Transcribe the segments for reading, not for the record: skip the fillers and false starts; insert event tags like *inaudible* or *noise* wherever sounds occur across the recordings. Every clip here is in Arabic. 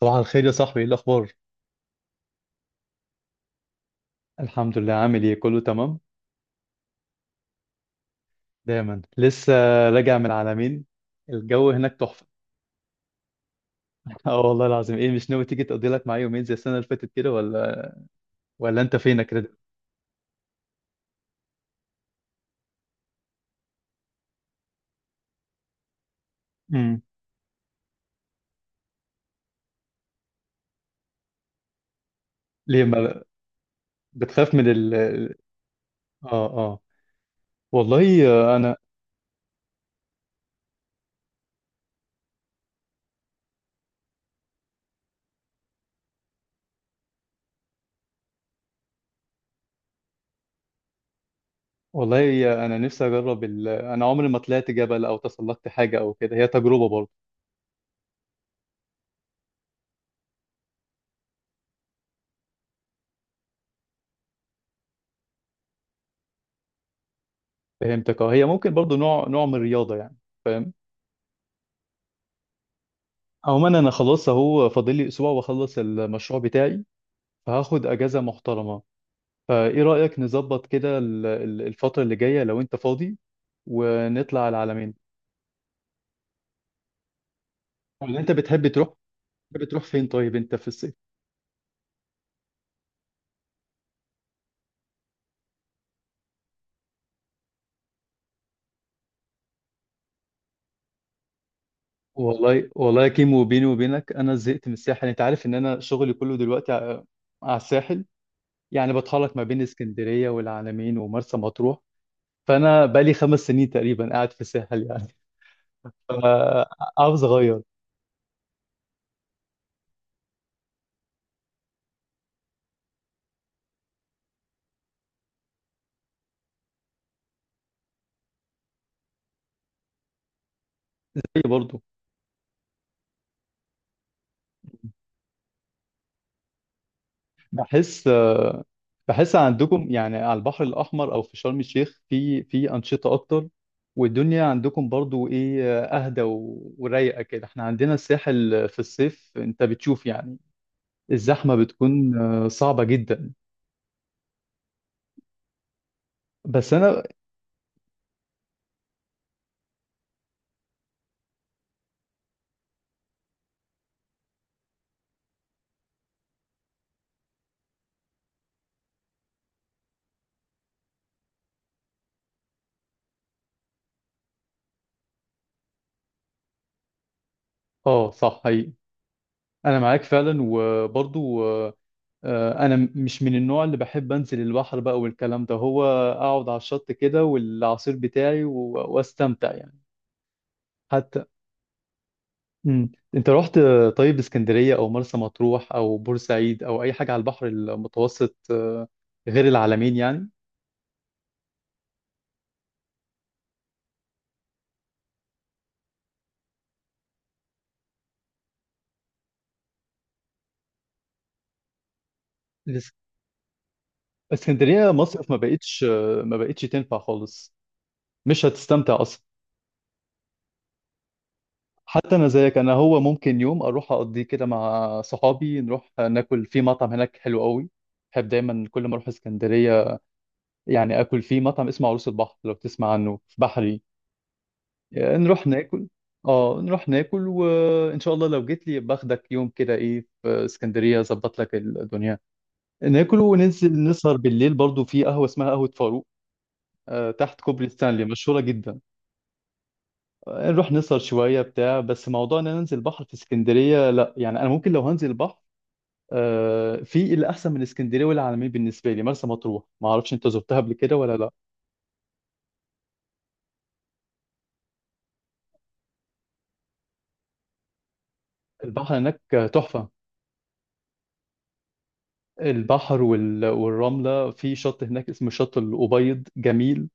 صباح الخير يا صاحبي، ايه الاخبار؟ الحمد لله، عامل ايه؟ كله تمام؟ دايما لسه. راجع من العلمين. الجو هناك تحفه. *laughs* اه والله العظيم. ايه، مش ناوي تيجي تقضي لك معايا يومين زي السنه اللي فاتت كده ولا انت فينك كده؟ امم. ليه ما... بتخاف من ال... اه، اه. والله آه، انا والله، انا نفسي اجرب ال... انا عمري ما طلعت جبل او تسلقت حاجه او كده، هي تجربه برضه. فهمتك. اه، هي ممكن برضه نوع من الرياضه، يعني فاهم. عموما انا خلاص اهو، فاضل لي اسبوع واخلص المشروع بتاعي، فهاخد اجازه محترمه. فايه رايك نظبط كده الفتره اللي جايه لو انت فاضي، ونطلع على العلمين؟ ولا انت بتحب تروح فين طيب انت في الصيف؟ والله والله يا كيمو، بيني وبينك، انا زهقت من الساحل. انت عارف ان انا شغلي كله دلوقتي على الساحل، يعني بتحرك ما بين اسكندريه والعلمين ومرسى مطروح. فانا بقالي 5 سنين تقريبا قاعد في الساحل يعني. *laughs* فعاوز اغير. برضه بحس بحس عندكم يعني على البحر الأحمر أو في شرم الشيخ، في أنشطة أكتر، والدنيا عندكم برضو إيه أهدى ورايقة كده. إحنا عندنا الساحل في الصيف أنت بتشوف يعني الزحمة بتكون صعبة جدا. بس أنا... آه صح، حقيقي، أنا معاك فعلا، وبرضو أنا مش من النوع اللي بحب أنزل البحر بقى والكلام ده. هو أقعد على الشط كده والعصير بتاعي وأستمتع يعني. حتى... انت رحت، طيب، اسكندرية او مرسى مطروح او بورسعيد او اي حاجة على البحر المتوسط غير العلمين يعني؟ الاس- اسكندرية مصيف ما بقتش، ما بقتش تنفع خالص، مش هتستمتع اصلا. حتى انا زيك، انا هو ممكن يوم اروح اقضيه كده مع صحابي، نروح ناكل في مطعم هناك حلو قوي. بحب دايما كل ما اروح اسكندرية يعني اكل في مطعم اسمه عروس البحر لو تسمع عنه، في بحري. نروح ناكل. اه نروح ناكل، وان شاء الله لو جيت لي باخدك يوم كده، ايه، في اسكندريه اظبط لك الدنيا. ناكل وننزل نسهر بالليل برضو في قهوه اسمها قهوه فاروق، تحت كوبري ستانلي، مشهوره جدا. نروح نسهر شويه بتاع. بس موضوع ان انا انزل بحر في اسكندريه لا يعني، انا ممكن لو هنزل بحر في اللي احسن من اسكندريه والعالمين بالنسبه لي مرسى مطروح. ما اعرفش انت زرتها قبل كده ولا لا؟ البحر هناك تحفه. البحر والرمله في شط هناك اسمه شط الابيض، جميل.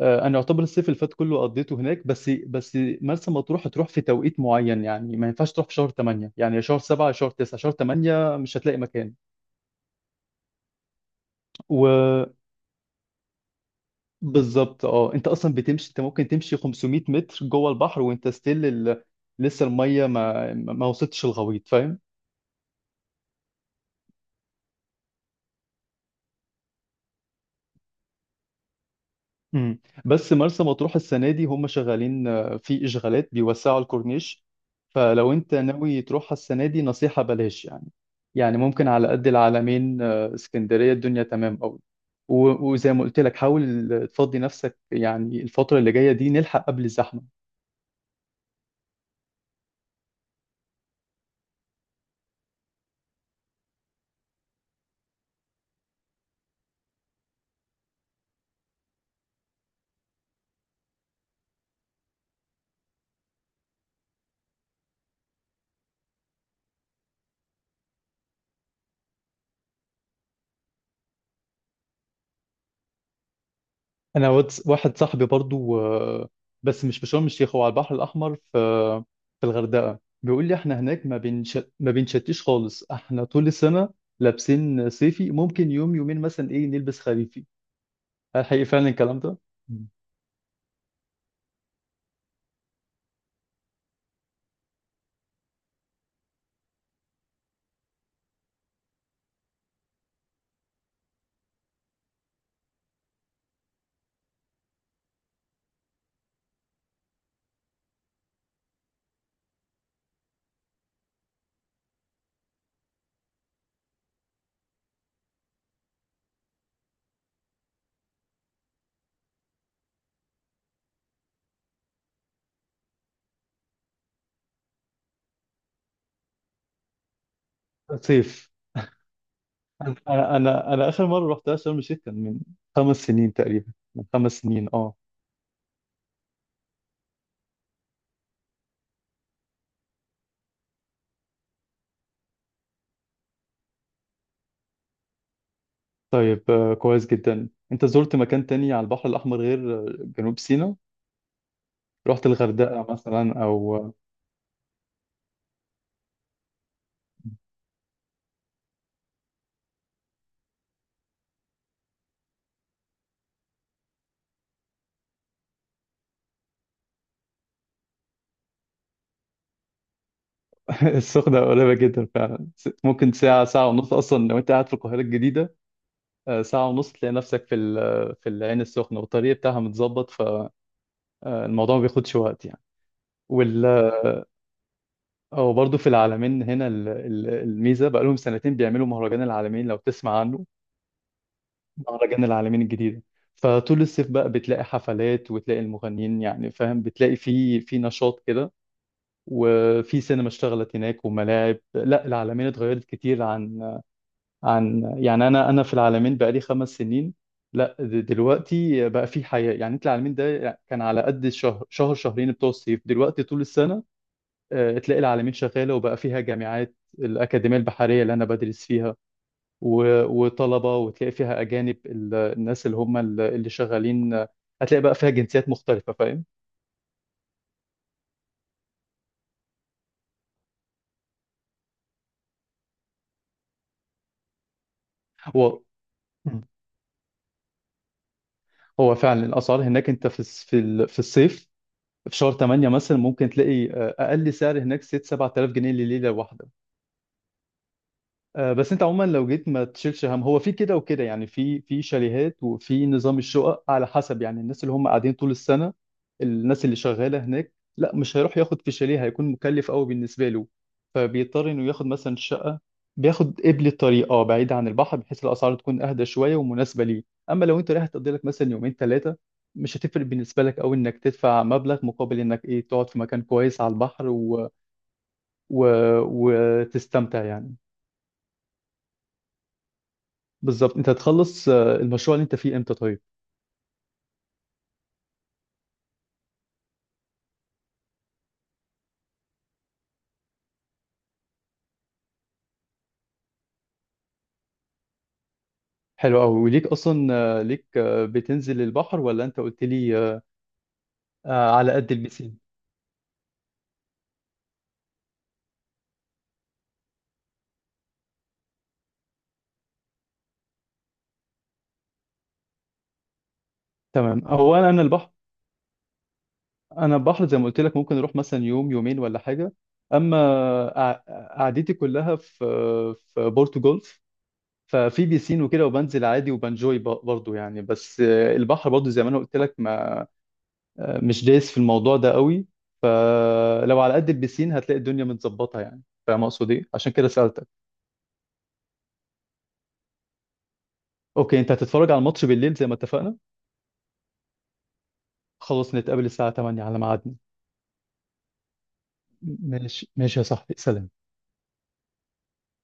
انا يعتبر الصيف اللي فات كله قضيته هناك. بس مرسى مطروح هتروح في توقيت معين يعني، ما ينفعش تروح في شهر 8 يعني، يا شهر 7 يا شهر 9. شهر 8 مش هتلاقي مكان. وبالظبط. اه انت اصلا بتمشي، انت ممكن تمشي 500 متر جوه البحر وانت ستيل ال... لسه الميه ما وصلتش الغويط، فاهم. مم. بس مرسى مطروح السنة دي هم شغالين، في إشغالات بيوسعوا الكورنيش. فلو أنت ناوي تروحها السنة دي نصيحة بلاش يعني ممكن على قد العلمين، اسكندرية الدنيا تمام أوي. وزي ما قلت لك حاول تفضي نفسك يعني الفترة اللي جاية دي، نلحق قبل الزحمة. انا واحد صاحبي برضو، بس مش في شرم الشيخ، هو على البحر الاحمر في الغردقه، بيقول لي احنا هناك ما بنشتيش خالص. احنا طول السنه لابسين صيفي، ممكن يوم يومين مثلا ايه نلبس خريفي. هل حقيقي فعلا الكلام ده؟ مم. صيف. انا اخر مره رحتها شرم الشيخ كان من 5 سنين تقريبا، من 5 سنين اه. طيب، كويس جدا. انت زرت مكان تاني على البحر الاحمر غير، جنوب سيناء؟ رحت الغردقه مثلا او... السخنة قريبة جدا فعلا، ممكن ساعة، ساعة ونص أصلا لو أنت قاعد في القاهرة الجديدة. ساعة ونص تلاقي نفسك في العين السخنة، والطريق بتاعها متظبط، فالموضوع ما بياخدش وقت يعني. وال... أو برضه في العالمين هنا الميزة بقالهم سنتين بيعملوا مهرجان العالمين، لو تسمع عنه، مهرجان العالمين الجديدة. فطول الصيف بقى بتلاقي حفلات وتلاقي المغنيين، يعني فاهم، بتلاقي في في نشاط كده، وفي سينما اشتغلت هناك وملاعب. لا العالمين اتغيرت كتير عن... يعني انا في العالمين بقالي 5 سنين. لا. دلوقتي بقى في حياة، يعني انت العالمين ده كان على قد الشهر، شهر شهرين بتوع الصيف، دلوقتي طول السنة تلاقي العالمين شغالة، وبقى فيها جامعات، الأكاديمية البحرية اللي أنا بدرس فيها وطلبة، وتلاقي فيها أجانب. الناس اللي هم اللي شغالين، هتلاقي بقى فيها جنسيات مختلفة، فاهم. هو هو فعلا الأسعار هناك، أنت في الصيف في شهر 8 مثلا ممكن تلاقي، أقل سعر هناك 6 7000 جنيه لليلة. بس انت عموما لو جيت ما تشيلش هم، هو في كده وكده يعني، في شاليهات وفي نظام الشقق على حسب، يعني الناس اللي هم قاعدين طول السنة. الناس اللي شغالة هناك لا مش هيروح ياخد في شاليه، هيكون مكلف قوي بالنسبة له، فبيضطر انه ياخد مثلا شقة. بياخد قبل الطريق اه، بعيد عن البحر، بحيث الاسعار تكون اهدى شوية ومناسبة ليه. اما لو انت رايح تقضي لك مثلا يومين ثلاثة، مش هتفرق بالنسبة لك قوي انك تدفع مبلغ مقابل انك ايه تقعد في مكان كويس على البحر و... وتستمتع يعني. بالظبط. انت هتخلص، المشروع اللي انت فيه امتى طيب؟ حلو قوي. وليك اصلا، ليك، بتنزل البحر ولا انت قلت لي، على قد البسين؟ تمام. هو انا البحر، انا البحر زي ما قلت لك ممكن اروح مثلا يوم يومين ولا حاجه. اما قعدتي كلها في بورتو جولف، ففي بيسين وكده وبنزل عادي وبنجوي برضه يعني. بس البحر برضه زي ما انا قلت لك، ما مش دايس في الموضوع ده قوي. لو على قد البسين هتلاقي الدنيا متظبطه يعني، فاهم اقصد ايه، عشان كده سالتك. اوكي، انت هتتفرج على الماتش بالليل زي ما اتفقنا؟ خلاص نتقابل الساعة 8 على ميعادنا. ماشي ماشي يا صاحبي، سلام.